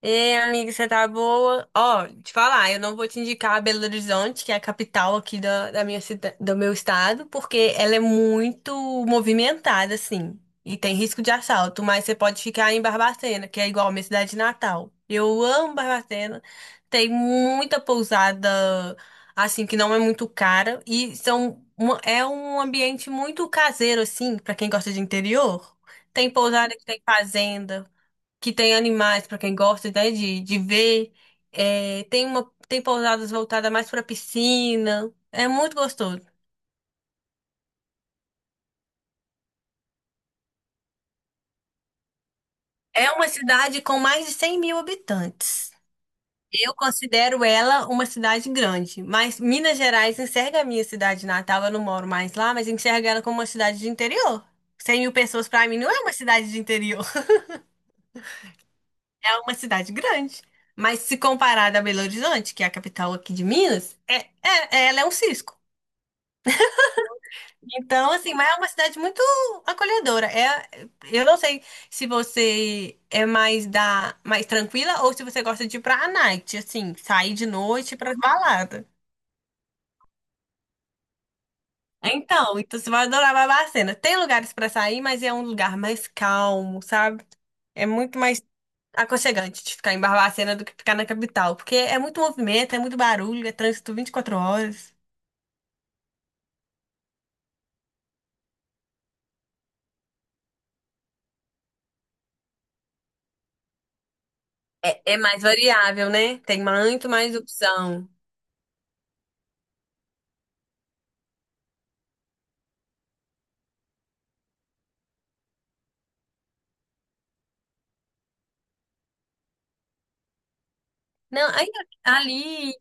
Ei, amiga, você tá boa? Ó, te falar, eu não vou te indicar Belo Horizonte, que é a capital aqui do meu estado, porque ela é muito movimentada, assim, e tem risco de assalto, mas você pode ficar em Barbacena, que é igual a minha cidade natal. Eu amo Barbacena, tem muita pousada, assim, que não é muito cara, e é um ambiente muito caseiro, assim, pra quem gosta de interior. Tem pousada que tem fazenda que tem animais para quem gosta, né, de ver. É, tem pousadas voltadas mais para piscina. É muito gostoso. É uma cidade com mais de 100 mil habitantes. Eu considero ela uma cidade grande, mas Minas Gerais enxerga a minha cidade natal. Eu não moro mais lá, mas enxerga ela como uma cidade de interior. 100 mil pessoas para mim não é uma cidade de interior, é uma cidade grande. Mas se comparada a Belo Horizonte, que é a capital aqui de Minas, ela é um cisco. Então, assim, mas é uma cidade muito acolhedora. É, eu não sei se você é mais da mais tranquila ou se você gosta de ir pra night, assim, sair de noite pra balada. Então, então você vai adorar Barbacena. Tem lugares pra sair, mas é um lugar mais calmo, sabe? É muito mais aconchegante de ficar em Barbacena do que ficar na capital, porque é muito movimento, é muito barulho, é trânsito 24 horas. É, é mais variável, né? Tem muito mais opção. Não, aí, ali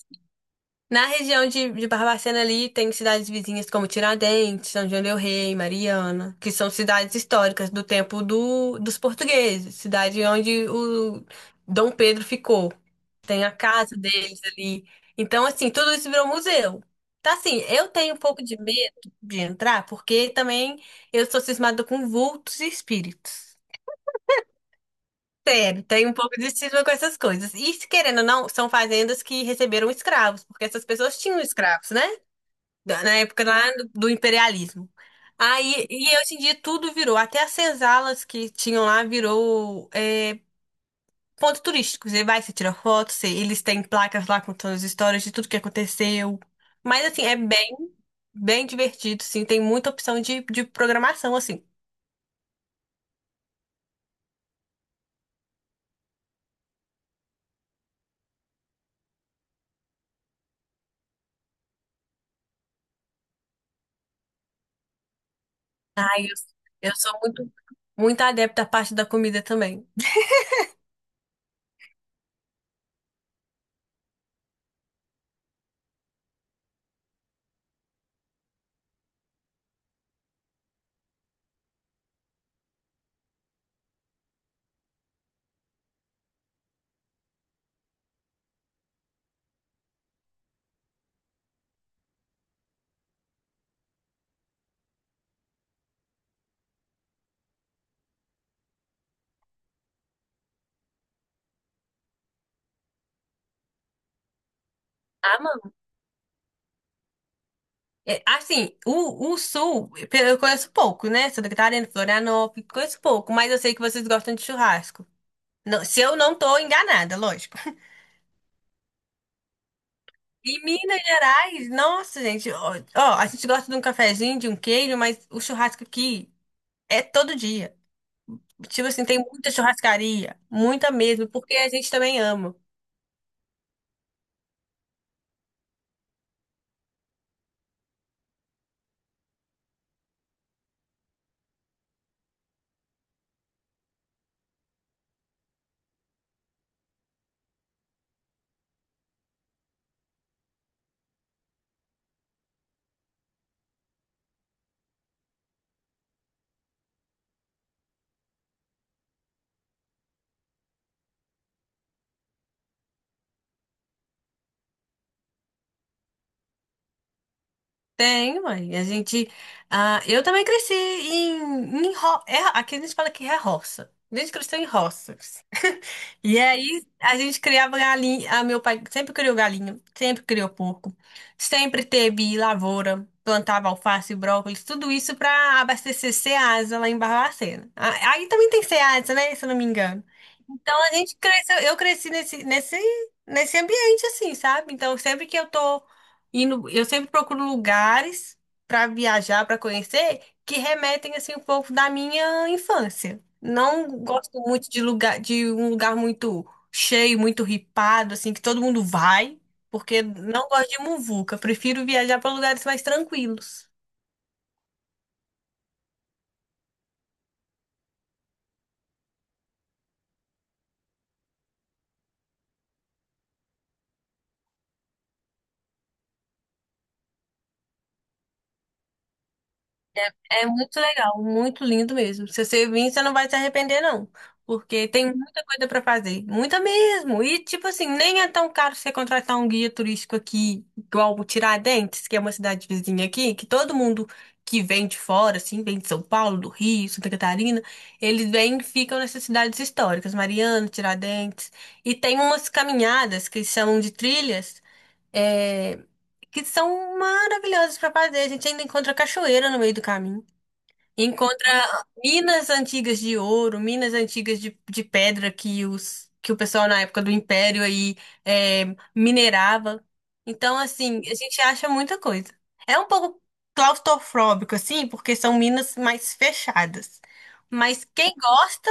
na região de Barbacena ali tem cidades vizinhas como Tiradentes, São João del Rei, Mariana, que são cidades históricas do tempo dos portugueses, cidade onde o Dom Pedro ficou. Tem a casa deles ali. Então, assim, tudo isso virou museu. Tá assim, eu tenho um pouco de medo de entrar, porque também eu sou cismada com vultos e espíritos. Sério, tem um pouco de cisma com essas coisas. E, se querendo ou não, são fazendas que receberam escravos, porque essas pessoas tinham escravos, né? Na época lá do imperialismo. E aí, hoje em dia tudo virou, até as senzalas que tinham lá virou ponto turístico. Você vai, você tira foto, você- eles têm placas lá contando as histórias de tudo que aconteceu. Mas assim, é bem, bem divertido, sim. Tem muita opção de programação, assim. Ai, eu sou muito, muito adepta à parte da comida também. É, assim, o Sul, eu conheço pouco, né? Santa Catarina, Florianópolis, conheço pouco, mas eu sei que vocês gostam de churrasco. Não- se eu não tô enganada, lógico. E Minas Gerais, nossa, gente, ó, ó, a gente gosta de um cafezinho, de um queijo, mas o churrasco aqui é todo dia. Tipo assim, tem muita churrascaria, muita mesmo, porque a gente também ama. Tem, mãe. A gente. Ah, eu também cresci aqui a gente fala que é roça. A gente cresceu em roças. E aí a gente criava galinha. Ah, meu pai sempre criou galinha, sempre criou porco, sempre teve lavoura, plantava alface, brócolis, tudo isso para abastecer Ceasa lá em Barbacena. Ah, aí também tem Ceasa, né? Se eu não me engano. Então a gente cresceu, eu cresci nesse, nesse, nesse ambiente assim, sabe? Então sempre que eu tô indo, eu sempre procuro lugares para viajar, para conhecer, que remetem assim um pouco da minha infância. Não gosto muito de lugar, de um lugar muito cheio, muito ripado, assim, que todo mundo vai, porque não gosto de muvuca. Prefiro viajar para lugares mais tranquilos. É muito legal, muito lindo mesmo. Se você vir, você não vai se arrepender, não. Porque tem muita coisa para fazer. Muita mesmo. E, tipo assim, nem é tão caro você contratar um guia turístico aqui, igual o Tiradentes, que é uma cidade vizinha aqui, que todo mundo que vem de fora, assim, vem de São Paulo, do Rio, Santa Catarina, eles vêm e ficam nessas cidades históricas, Mariana, Tiradentes. E tem umas caminhadas que chamam de trilhas, é, que são maravilhosas para fazer. A gente ainda encontra cachoeira no meio do caminho. Encontra minas antigas de ouro, minas antigas de pedra que o pessoal na época do Império aí é, minerava. Então, assim, a gente acha muita coisa. É um pouco claustrofóbico, assim, porque são minas mais fechadas. Mas quem gosta,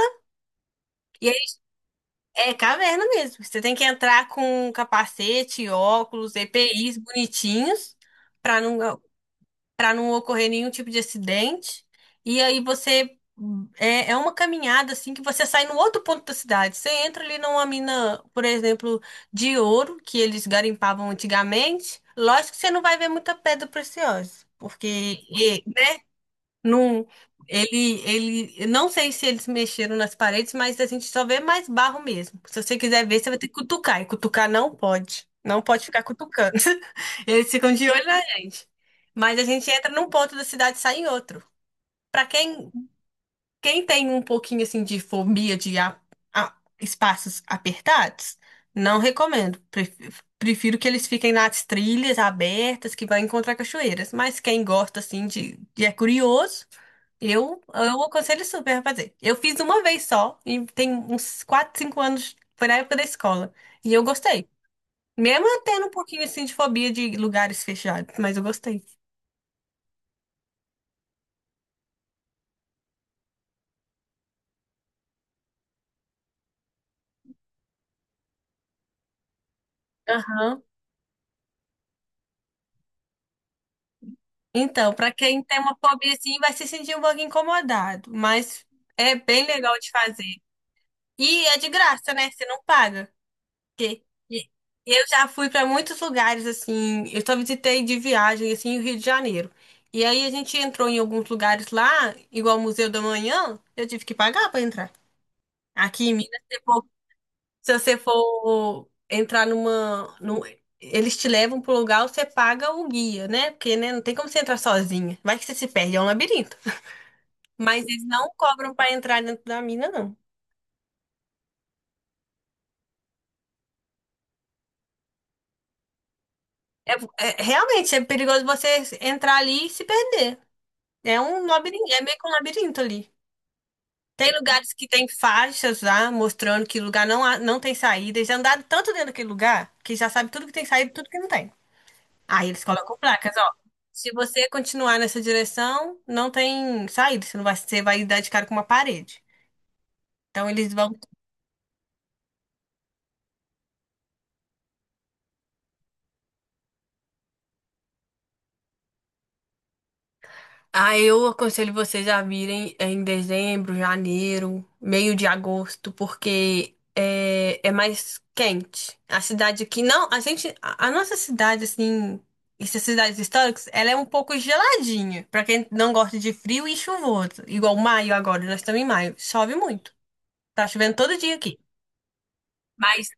e aí é caverna mesmo. Você tem que entrar com capacete, óculos, EPIs bonitinhos, para não para não ocorrer nenhum tipo de acidente. E aí você é uma caminhada assim que você sai no outro ponto da cidade. Você entra ali numa mina, por exemplo, de ouro que eles garimpavam antigamente. Lógico que você não vai ver muita pedra preciosa, porque não, ele, eu não sei se eles mexeram nas paredes, mas a gente só vê mais barro mesmo. Se você quiser ver, você vai ter que cutucar. E cutucar não pode. Não pode ficar cutucando. Eles ficam de olho na gente. Mas a gente entra num ponto da cidade e sai em outro. Pra quem tem um pouquinho assim de fobia de espaços apertados, não recomendo. Prefiro que eles fiquem nas trilhas abertas que vai encontrar cachoeiras. Mas quem gosta assim de é curioso, eu aconselho super a fazer. Eu fiz uma vez só e tem uns 4 5 anos, foi na época da escola. E eu gostei. Mesmo eu tendo um pouquinho assim de fobia de lugares fechados, mas eu gostei. Aham. Então, para quem tem uma fobia assim, vai se sentir um pouco incomodado, mas é bem legal de fazer. E é de graça, né? Você não paga. Porque e- eu já fui para muitos lugares assim, eu só visitei de viagem assim o Rio de Janeiro. E aí a gente entrou em alguns lugares lá, igual o Museu da Manhã, eu tive que pagar para entrar. Aqui em Minas, se você for entrar eles te levam pro lugar, você paga o guia, né? Porque, né, não tem como você entrar sozinha. Vai que você se perde, é um labirinto. Mas eles não cobram para entrar dentro da mina, não. É, é- realmente é perigoso você entrar ali e se perder. É um labirinto, é meio que um labirinto ali. Tem lugares que tem faixas lá, mostrando que lugar não, não tem saída. Eles já andaram tanto dentro daquele lugar que já sabe tudo que tem saída e tudo que não tem. Aí eles colocam placas, ó. Se você continuar nessa direção, não tem saída. Você não vai, você vai dar de cara com uma parede. Então eles vão. Ah, eu aconselho vocês a virem em dezembro, janeiro, meio de agosto, porque é, é mais quente. A cidade aqui, não, a gente, a nossa cidade, assim, essas cidades históricas, ela é um pouco geladinha, pra quem não gosta de frio e chuvoso. Igual maio agora, nós estamos em maio, chove muito. Tá chovendo todo dia aqui. Mas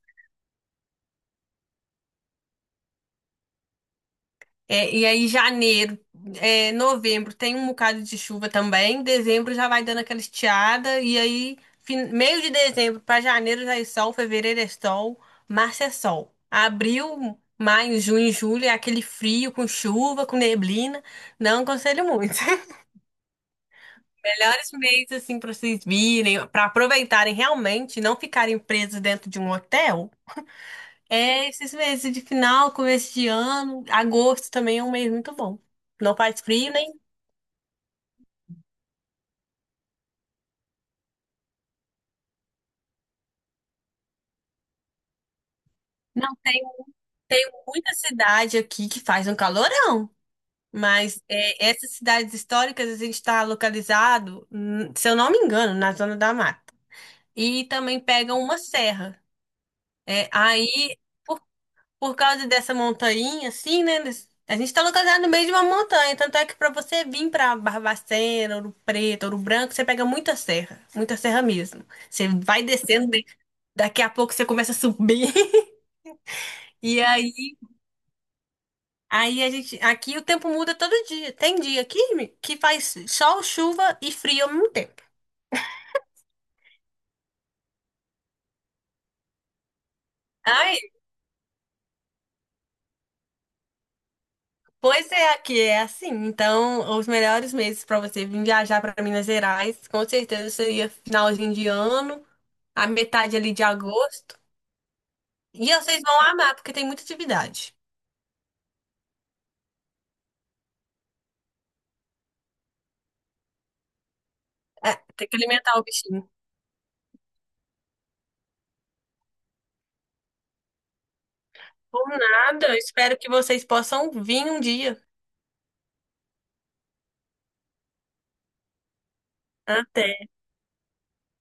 E aí, janeiro, novembro tem um bocado de chuva também. Dezembro já vai dando aquela estiada. E aí, meio de dezembro para janeiro já é sol. Fevereiro é sol. Março é sol. Abril, maio, junho, julho é aquele frio com chuva, com neblina. Não aconselho muito. Melhores meses, assim, para vocês virem, para aproveitarem realmente, não ficarem presos dentro de um hotel. É esses meses de final, começo de ano. Agosto também é um mês muito bom. Não faz frio, né? Não, tem muita cidade aqui que faz um calorão, mas é, essas cidades históricas a gente está localizado, se eu não me engano, na zona da mata. E também pega uma serra. É, aí, por, por causa dessa montanha, assim, né? A gente está localizado no meio de uma montanha, tanto é que para você vir para Barbacena, Ouro Preto, Ouro Branco, você pega muita serra mesmo. Você vai descendo, né, daqui a pouco você começa a subir. E aí Aí a gente, aqui o tempo muda todo dia. Tem dia que faz sol, chuva e frio ao mesmo tempo. Ai, pois é, aqui é assim. Então, os melhores meses para você vir viajar para Minas Gerais, com certeza seria finalzinho de ano, a metade ali de agosto. E vocês vão amar, porque tem muita atividade. É, tem que alimentar o bichinho. Por nada, eu espero que vocês possam vir um dia. Até.